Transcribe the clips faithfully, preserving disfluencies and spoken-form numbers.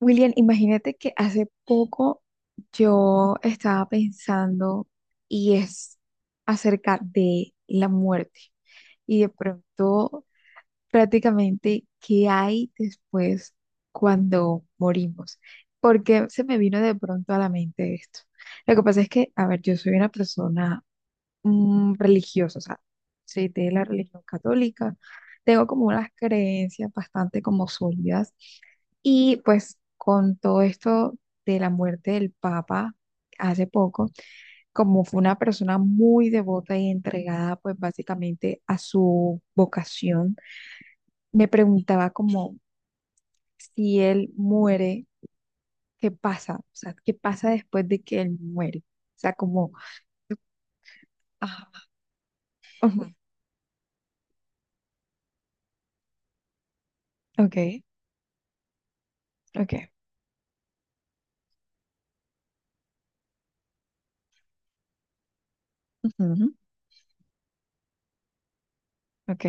William, imagínate que hace poco yo estaba pensando y es acerca de la muerte y de pronto prácticamente qué hay después cuando morimos. Porque se me vino de pronto a la mente esto. Lo que pasa es que, a ver, yo soy una persona mm, religiosa, o sea, soy de la religión católica, tengo como unas creencias bastante como sólidas y pues con todo esto de la muerte del Papa hace poco, como fue una persona muy devota y entregada pues básicamente a su vocación, me preguntaba como si él muere, ¿qué pasa? O sea, ¿qué pasa después de que él muere? O sea, como, ah, ujú, ok, ok, ujú, ok,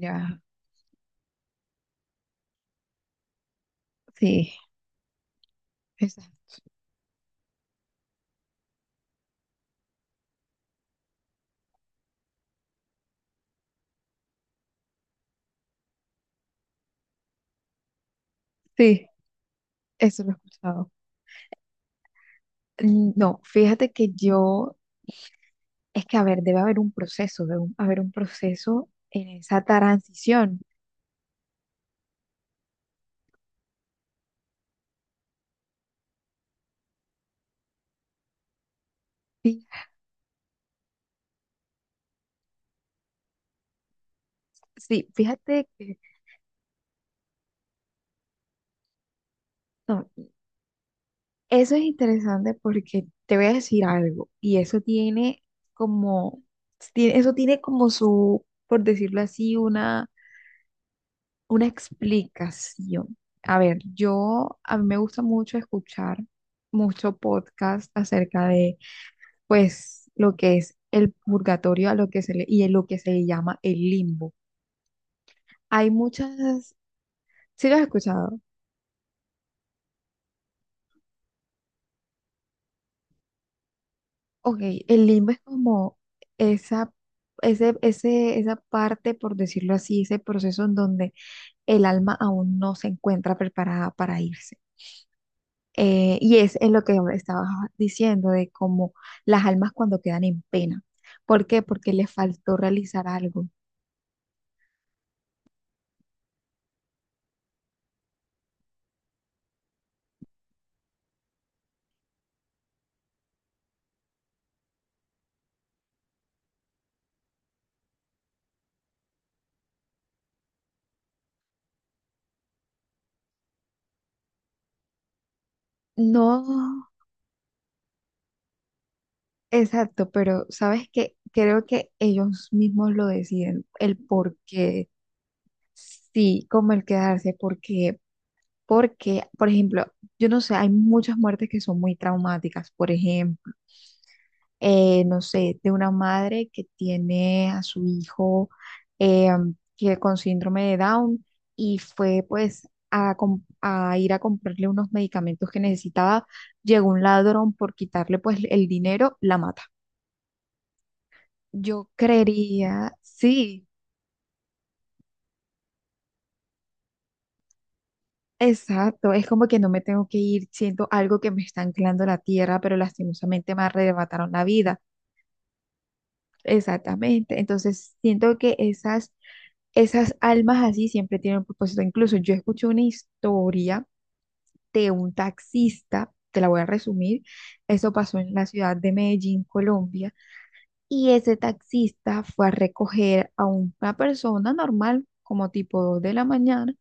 ya, sí, exacto, sí, eso lo he escuchado. Mm, No, fíjate que yo. Es que, a ver, debe haber un proceso, debe un- haber un proceso en esa transición. Sí, sí, fíjate que no, eso es interesante porque te voy a decir algo y eso tiene como, tiene- eso tiene como su, por decirlo así, una, una explicación. A ver, yo, a mí me gusta mucho escuchar mucho podcast acerca de, pues, lo que es el purgatorio a lo que se le, y lo que se le llama el limbo. Hay muchas. ¿Sí lo has escuchado? Ok, el limbo es como esa, ese, ese, esa parte, por decirlo así, ese proceso en donde el alma aún no se encuentra preparada para irse. Eh, y es, es lo que estabas diciendo, de cómo las almas cuando quedan en pena. ¿Por qué? Porque les faltó realizar algo. No, exacto, pero sabes que creo que ellos mismos lo deciden, el por qué, sí, como el quedarse, porque Porque, por ejemplo, yo no sé, hay muchas muertes que son muy traumáticas. Por ejemplo, eh, no sé, de una madre que tiene a su hijo eh, que con síndrome de Down y fue pues a, com- a ir a comprarle unos medicamentos que necesitaba. Llegó un ladrón por quitarle pues el dinero, la mata. Yo creería, sí, exacto, es como que no me tengo que ir, siento algo que me está anclando a la tierra, pero lastimosamente me arrebataron la vida. Exactamente. Entonces, siento que esas, esas almas así siempre tienen un propósito. Incluso yo escuché una historia de un taxista, te la voy a resumir. Eso pasó en la ciudad de Medellín, Colombia. Y ese taxista fue a recoger a una persona normal, como tipo dos de la mañana,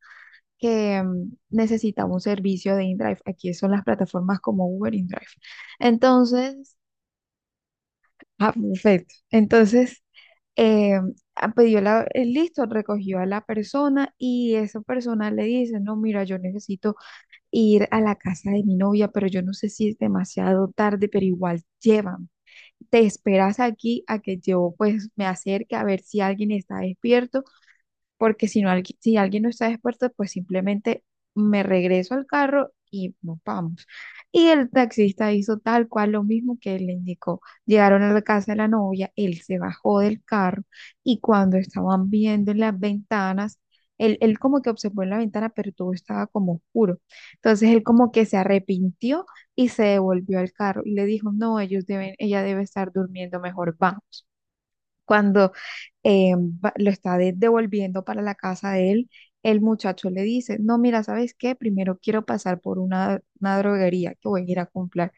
que mm, necesitaba un servicio de InDrive. Aquí son las plataformas como Uber InDrive. Entonces, ah, perfecto. Entonces eh, ah, pidió la, eh, listo, recogió a la persona y esa persona le dice, no, mira, yo necesito ir a la casa de mi novia, pero yo no sé si es demasiado tarde, pero igual llevan. Te esperas aquí a que yo pues me acerque a ver si alguien está despierto porque si no, algui- si alguien no está despierto, pues simplemente me regreso al carro y nos vamos. Y el taxista hizo tal cual lo mismo que él le indicó. Llegaron a la casa de la novia, él se bajó del carro y cuando estaban viendo en las ventanas, él, él como que observó en la ventana, pero todo estaba como oscuro. Entonces él como que se arrepintió y se devolvió al carro y le dijo, no, ellos deben, ella debe estar durmiendo, mejor vamos. Cuando eh, va- lo está de- devolviendo para la casa de él, el muchacho le dice, no, mira, ¿sabes qué? Primero quiero pasar por una, una droguería que voy a ir a comprar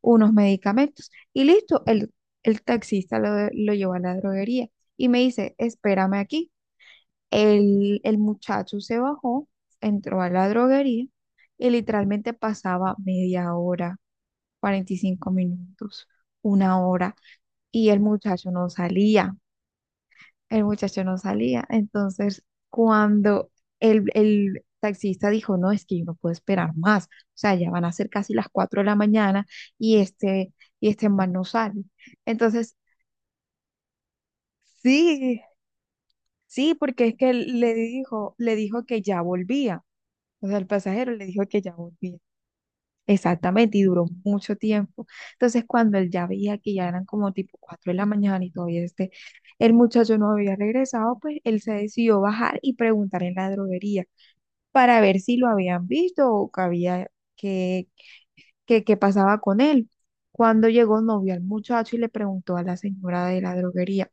unos medicamentos. Y listo, el, el taxista lo, lo llevó a la droguería y me dice, espérame aquí. El, el muchacho se bajó, entró a la droguería y literalmente pasaba media hora, cuarenta y cinco minutos, una hora, y el muchacho no salía, el muchacho no salía. Entonces, cuando el, el taxista dijo, no, es que yo no puedo esperar más, o sea, ya van a ser casi las cuatro de la mañana y este, y este man no sale. Entonces, sí, sí, porque es que él le dijo, le dijo que ya volvía, o sea, el pasajero le dijo que ya volvía. Exactamente, y duró mucho tiempo. Entonces, cuando él ya veía que ya eran como tipo cuatro de la mañana y todavía este, el muchacho no había regresado, pues él se decidió bajar y preguntar en la droguería para ver si lo habían visto o que había, que, que, que pasaba con él. Cuando llegó, no vio al muchacho y le preguntó a la señora de la droguería: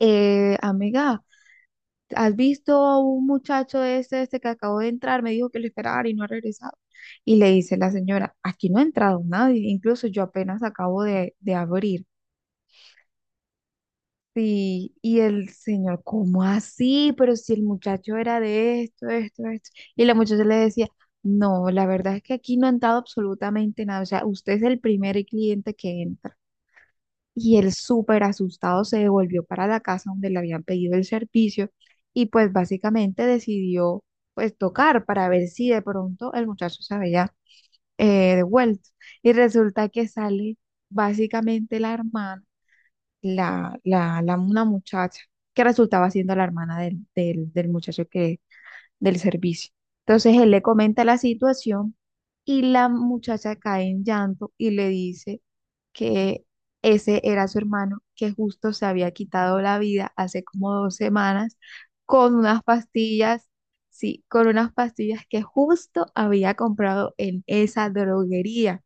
"Eh, amiga, ¿has visto a un muchacho este, este que acabó de entrar? Me dijo que lo esperara y no ha regresado". Y le dice la señora, aquí no ha entrado nadie, incluso yo apenas acabo de, de abrir. Sí, y el señor, ¿cómo así? Pero si el muchacho era de esto, esto, esto. Y la muchacha le decía, no, la verdad es que aquí no ha entrado absolutamente nada. O sea, usted es el primer cliente que entra. Y él súper asustado se devolvió para la casa donde le habían pedido el servicio y pues básicamente decidió pues tocar para ver si de pronto el muchacho se había eh, devuelto. Y resulta que sale básicamente la hermana, la, la, la, una muchacha que resultaba siendo la hermana del, del, del muchacho que, del servicio. Entonces él le comenta la situación y la muchacha cae en llanto y le dice que ese era su hermano, que justo se había quitado la vida hace como dos semanas con unas pastillas, sí, con unas pastillas que justo había comprado en esa droguería.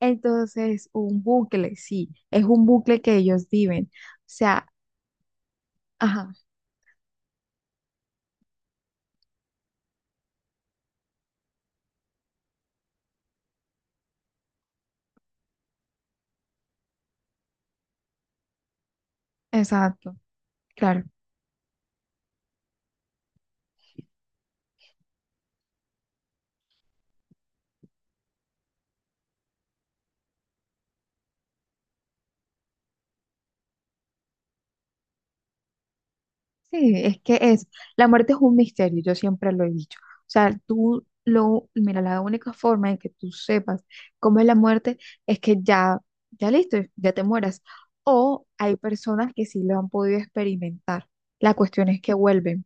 Entonces, un bucle, sí, es un bucle que ellos viven. O sea, ajá, exacto, claro. Sí, es que es, la muerte es un misterio, yo siempre lo he dicho. O sea, tú lo, mira, la única forma en que tú sepas cómo es la muerte es que ya, ya listo, ya te mueras. O hay personas que sí lo han podido experimentar. La cuestión es que vuelven,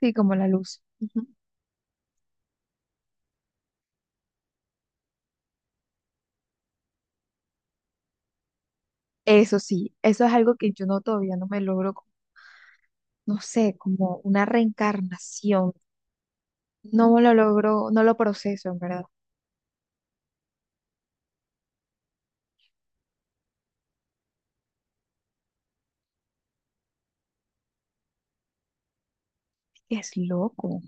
sí, como la luz. Ujú. Eso sí, eso es algo que yo no, todavía no me logro, co- no sé, como una reencarnación. No lo logro, no lo proceso, en verdad. Es loco.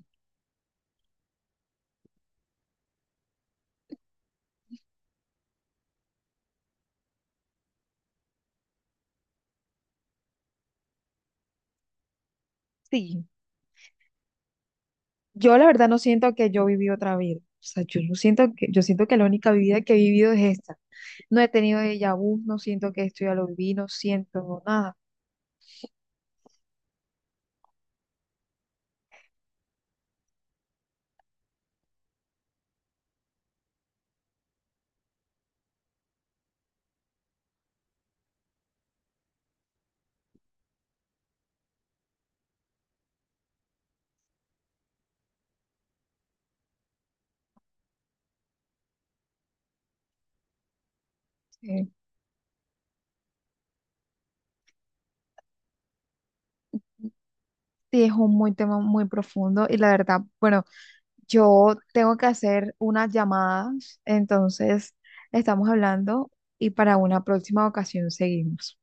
Sí, yo la verdad no siento que yo viví otra vida. O sea, yo no siento que, yo siento que la única vida que he vivido es esta. No he tenido déjà vu, no siento que esto ya lo viví, no siento nada. Eh, sí, es un muy tema muy profundo y la verdad, bueno, yo tengo que hacer unas llamadas, entonces estamos hablando y para una próxima ocasión seguimos.